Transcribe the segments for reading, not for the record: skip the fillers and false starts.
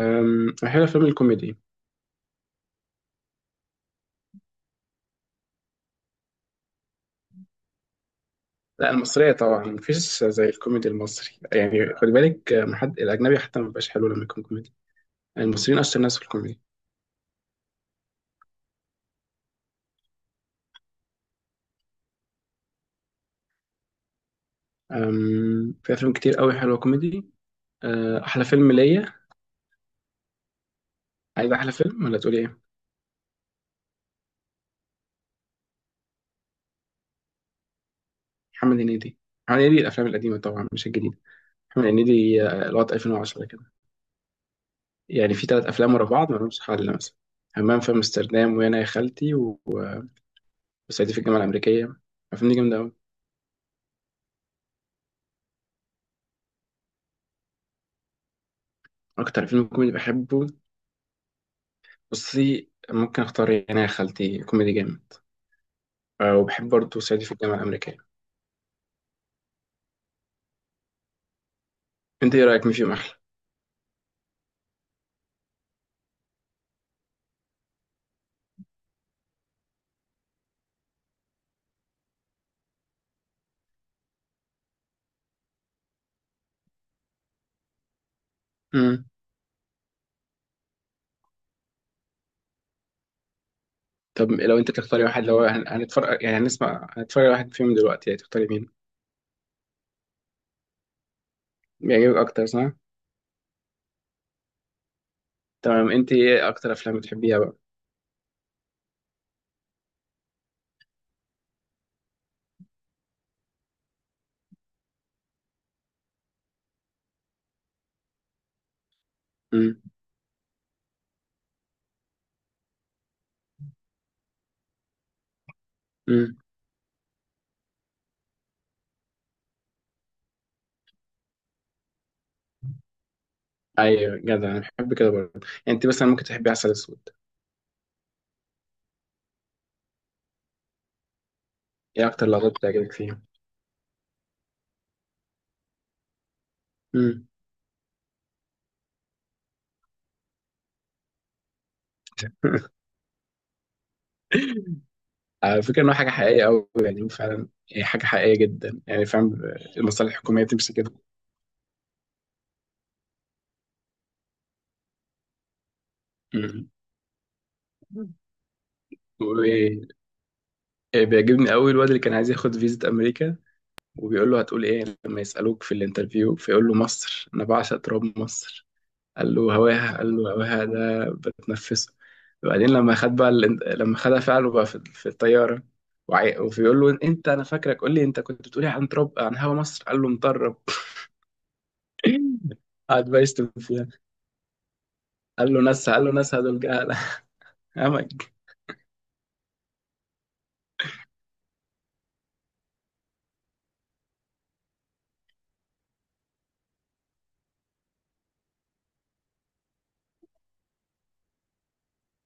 أحب أفلام الكوميدي. لا، المصرية طبعا، مفيش زي الكوميدي المصري. يعني خد بالك، حد الأجنبي حتى مبيبقاش حلو لما يكون كوميدي. يعني المصريين أشطر ناس في الكوميدي. في أفلام كتير قوي حلوة كوميدي. أحلى فيلم ليا. عايز أحلى فيلم، ولا تقولي إيه؟ محمد هنيدي. محمد هنيدي، الأفلام القديمة طبعا، مش الجديدة. محمد هنيدي لغاية 2010 كده. يعني في تلات أفلام ورا بعض ملهمش حل مثلا. همام في أمستردام، وأنا يا خالتي، و- وصعيدي في الجامعة الأمريكية. الأفلام دي جامدة أوي. أكتر فيلم كوميدي بحبه. بصي، ممكن اختار انا يا خالتي كوميدي جامد. وبحب برضه صعيدي في الجامعه الامريكيه. انت ايه رايك؟ مين فيهم احلى؟ امم. طب لو انت تختاري واحد، لو هنتفرج، يعني هنسمع، هنتفرج على واحد فيهم دلوقتي، يعني تختاري مين؟ بيعجبك اكتر، صح؟ تمام. انت ايه اكتر افلام بتحبيها بقى؟ امم. امم. ايوه، جدع، انا بحب كده برضه. يعني انت مثلا ممكن تحبي عسل اسود. ايه اكتر لغات بتعجبك فيهم؟ امم. على فكره انه حاجه حقيقيه قوي، يعني فعلا هي حاجه حقيقيه جدا، يعني فاهم؟ المصالح الحكوميه بتمشي كده. امم. بيقولوا ايه؟ إيه، بيعجبني قوي الواد اللي كان عايز ياخد فيزا امريكا. وبيقول له هتقول ايه لما يسالوك في الانترفيو؟ فيقول له مصر، انا بعشق تراب مصر. قال له هواها، قال له هواها ده بتنفسه. وبعدين لما خد بقى لما خدها فعله بقى في الطياره. وبيقول له انت انا فاكرك، قول لي انت كنت بتقولي عن تراب، عن هوا مصر. قال له مطرب. قعد بقى يشتم فيها. قال له ناسها، قال له ناسها دول جهله. همج.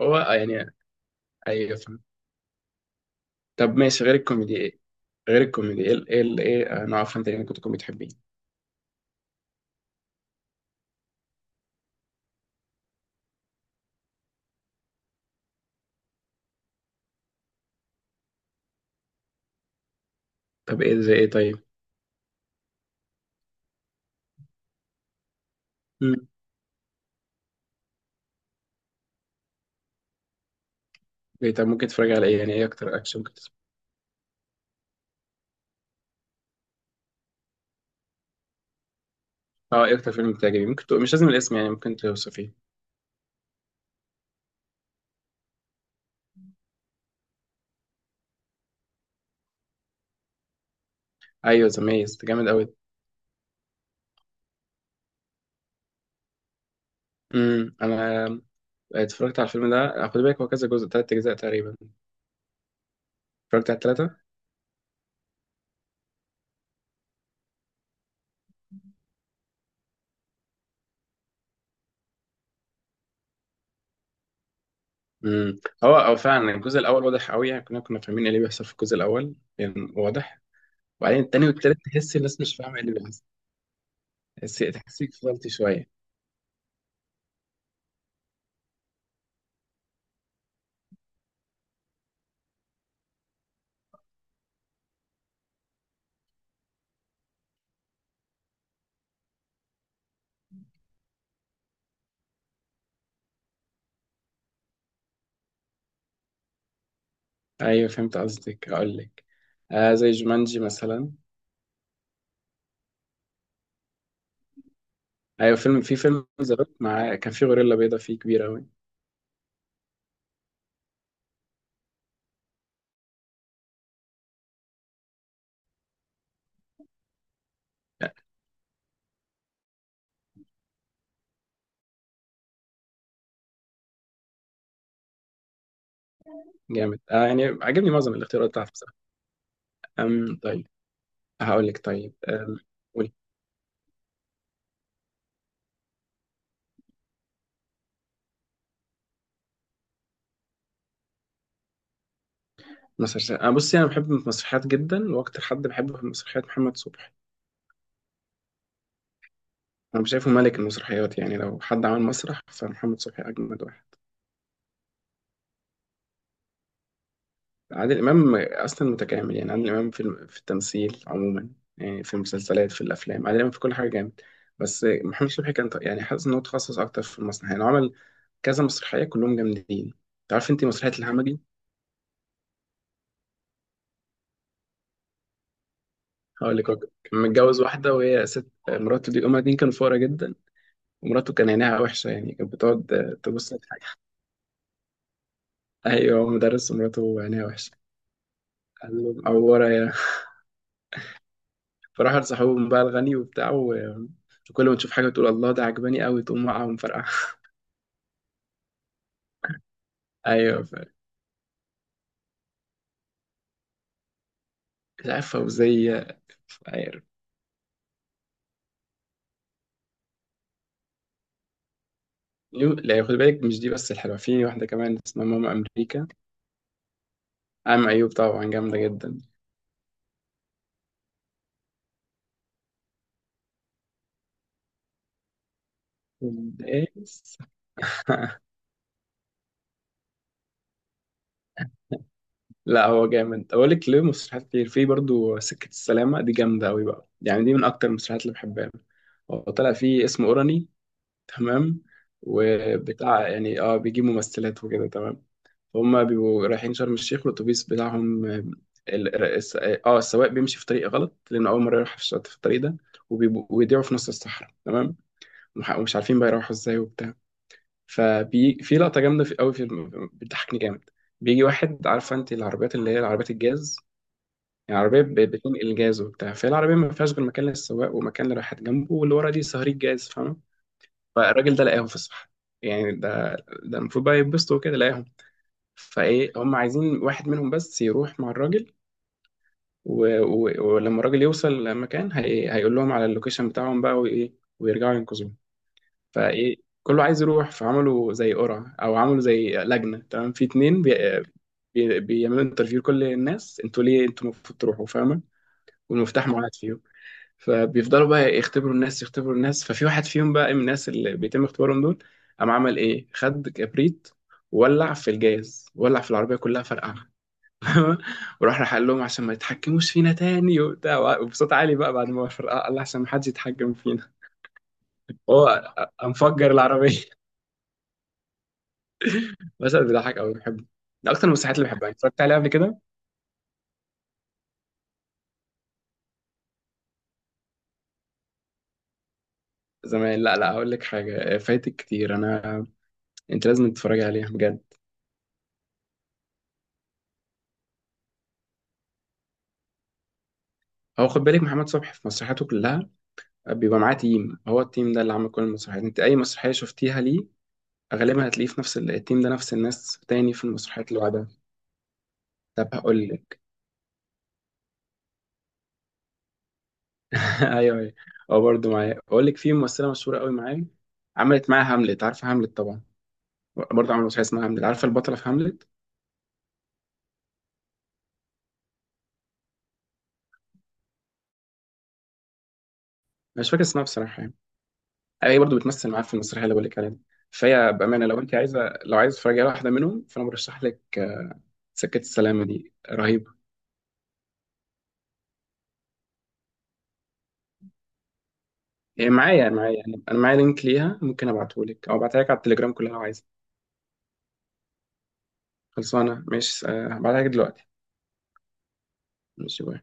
هو يعني. ايوه طب ماشي، غير الكوميدي ايه؟ غير الكوميدي ايه، ايه نوع افلام تاني ممكن تكون بتحبيه؟ طب ايه زي ايه؟ طيب. مم. إيه، طب ممكن تتفرج على ايه؟ يعني ايه اكتر اكشن ممكن تتفرج؟ اه، ايه اكتر فيلم بتعجبك؟ ممكن تقول، مش لازم الاسم، يعني ممكن توصفيه. ايوه، ذا ميز ده جامد قوي. امم، انا. اتفرجت على الفيلم ده، خد بالك هو كذا جزء، تلات اجزاء تقريبا. اتفرجت على التلاتة. امم. هو او فعلا الجزء الاول واضح قوي، يعني كنا فاهمين ايه اللي بيحصل في الجزء الاول، يعني واضح. وبعدين التاني والتالت تحس الناس مش فاهمه ايه اللي بيحصل. تحسك فضلت شويه. ايوه، فهمت قصدك، هقول لك. زي جومانجي مثلا. ايوه، في فيلم ذا روك، مع كان في غوريلا بيضاء فيه كبيره قوي. جامد. يعني عجبني معظم الاختيارات بتاعته بصراحه. طيب. هقول لك. طيب قولي. مسرحيات، انا بصي، انا بحب المسرحيات جدا، واكتر حد بحبه في المسرحيات محمد صبحي. انا شايفه ملك المسرحيات، يعني لو حد عمل مسرح فمحمد صبحي اجمد واحد. عادل إمام. أصلا متكامل، يعني عادل إمام في التمثيل عموما. يعني في المسلسلات، في الأفلام، عادل إمام في كل حاجة جامد. بس محمد شبحي كان يعني حاسس إن هو تخصص أكتر في المسرح، يعني هو عمل كذا مسرحية كلهم جامدين. تعرف أنت مسرحية الهمجي؟ هقول لك، هو كان متجوز واحدة وهي ست مراته دي، هما الاتنين كانوا فقراء جدا. ومراته كان عينيها وحشة، يعني كانت بتقعد تبص للحاجة. أيوه، هو مدرس ومراته عينيها وحشة. قال له معورة يا فراحوا لصاحبهم بقى الغني وبتاع وكل ما تشوف حاجة تقول الله ده عجباني قوي، تقوم واقعة ومفرقعة. ايوه مش عارف، فوزية. مش عارف. لا، خد بالك مش دي بس الحلوة، في واحدة كمان اسمها ماما أمريكا. عم أيوب طبعا جامدة جدا. والناس- لا هو جامد، أقول لك، له مسرحيات كتير، في برضو سكة السلامة دي جامدة أوي بقى، يعني دي من أكتر المسرحيات اللي بحبها. هو طلع فيه اسمه أوراني. تمام. وبتاع، يعني بيجيب ممثلات وكده، تمام. هما بيبقوا رايحين شرم الشيخ، والاتوبيس بتاعهم السواق بيمشي في طريق غلط، لانه اول مره يروح في الطريق ده. ويضيعوا في نص الصحراء، تمام. ومش عارفين بقى يروحوا ازاي وبتاع. ففي لقطه جامده في قوي بتضحكني جامد. بيجي واحد، عارفه انت العربيات اللي هي العربيات الجاز؟ يعني عربيه بتنقل جاز وبتاع، فالعربيه ما فيهاش غير مكان للسواق ومكان اللي رايحات جنبه واللي ورا دي صهريج جاز، فاهم؟ فالراجل ده لقاهم في الصحراء. يعني ده، ده المفروض بقى يتبسطوا وكده لقاهم. فايه، هم عايزين واحد منهم بس يروح مع الراجل. ولما الراجل يوصل مكان هيقول لهم على اللوكيشن بتاعهم بقى وايه، ويرجعوا ينقذوه. فايه، كله عايز يروح، فعملوا زي قرعة او عملوا زي لجنة، تمام، في اتنين بيعملوا انترفيو لكل الناس، انتوا ليه انتوا المفروض تروحوا، فاهمة؟ والمفتاح معاد فيهم. فبيفضلوا بقى يختبروا الناس، يختبروا الناس، ففي واحد فيهم بقى من الناس اللي بيتم اختبارهم دول قام عمل ايه، خد كبريت وولع في الجاز، ولع في العربية كلها، فرقعها. ورحنا حل لهم عشان ما يتحكموش فينا تاني وبتاع، وبصوت عالي بقى بعد ما فرقع قال لي عشان ما حدش يتحكم فينا. هو مفجر العربيه. بس بيضحك قوي بحبه. ده اكتر المسرحيات اللي بحبها اتفرجت عليها قبل كده. زمان، لا، لا، هقول لك حاجه فايتك كتير انا. انت لازم تتفرجي عليها بجد. هو خد بالك، محمد صبحي في مسرحياته كلها بيبقى معاه تيم، هو التيم ده اللي عامل كل المسرحيات، انت اي مسرحيه شفتيها ليه غالبا هتلاقيه في نفس التيم ده، نفس الناس تاني في المسرحيات اللي بعدها. طب هقول لك. ايوه، ايوه. هو برضه معايا، اقول لك، في ممثله مشهوره قوي معايا. عملت معاها هاملت، عارفه هاملت طبعا. برضه عملت مسرحيه اسمها هاملت، عارفه البطله في هاملت؟ مش فاكر اسمها بصراحه، يعني. هي برضه بتمثل معاها في المسرحيه اللي بقول لك عليها دي. فهي بامانه، لو انت عايزه، لو عايزه تتفرجي على واحده منهم فانا برشح لك، سكه السلامه دي رهيبه. هي معايا، معايا، يعني انا معايا لينك ليها، ممكن ابعته لك او ابعتها لك على التليجرام كلها لو عايزه. خلصانه، ماشي. هبعتها لك دلوقتي. ماشي، باي.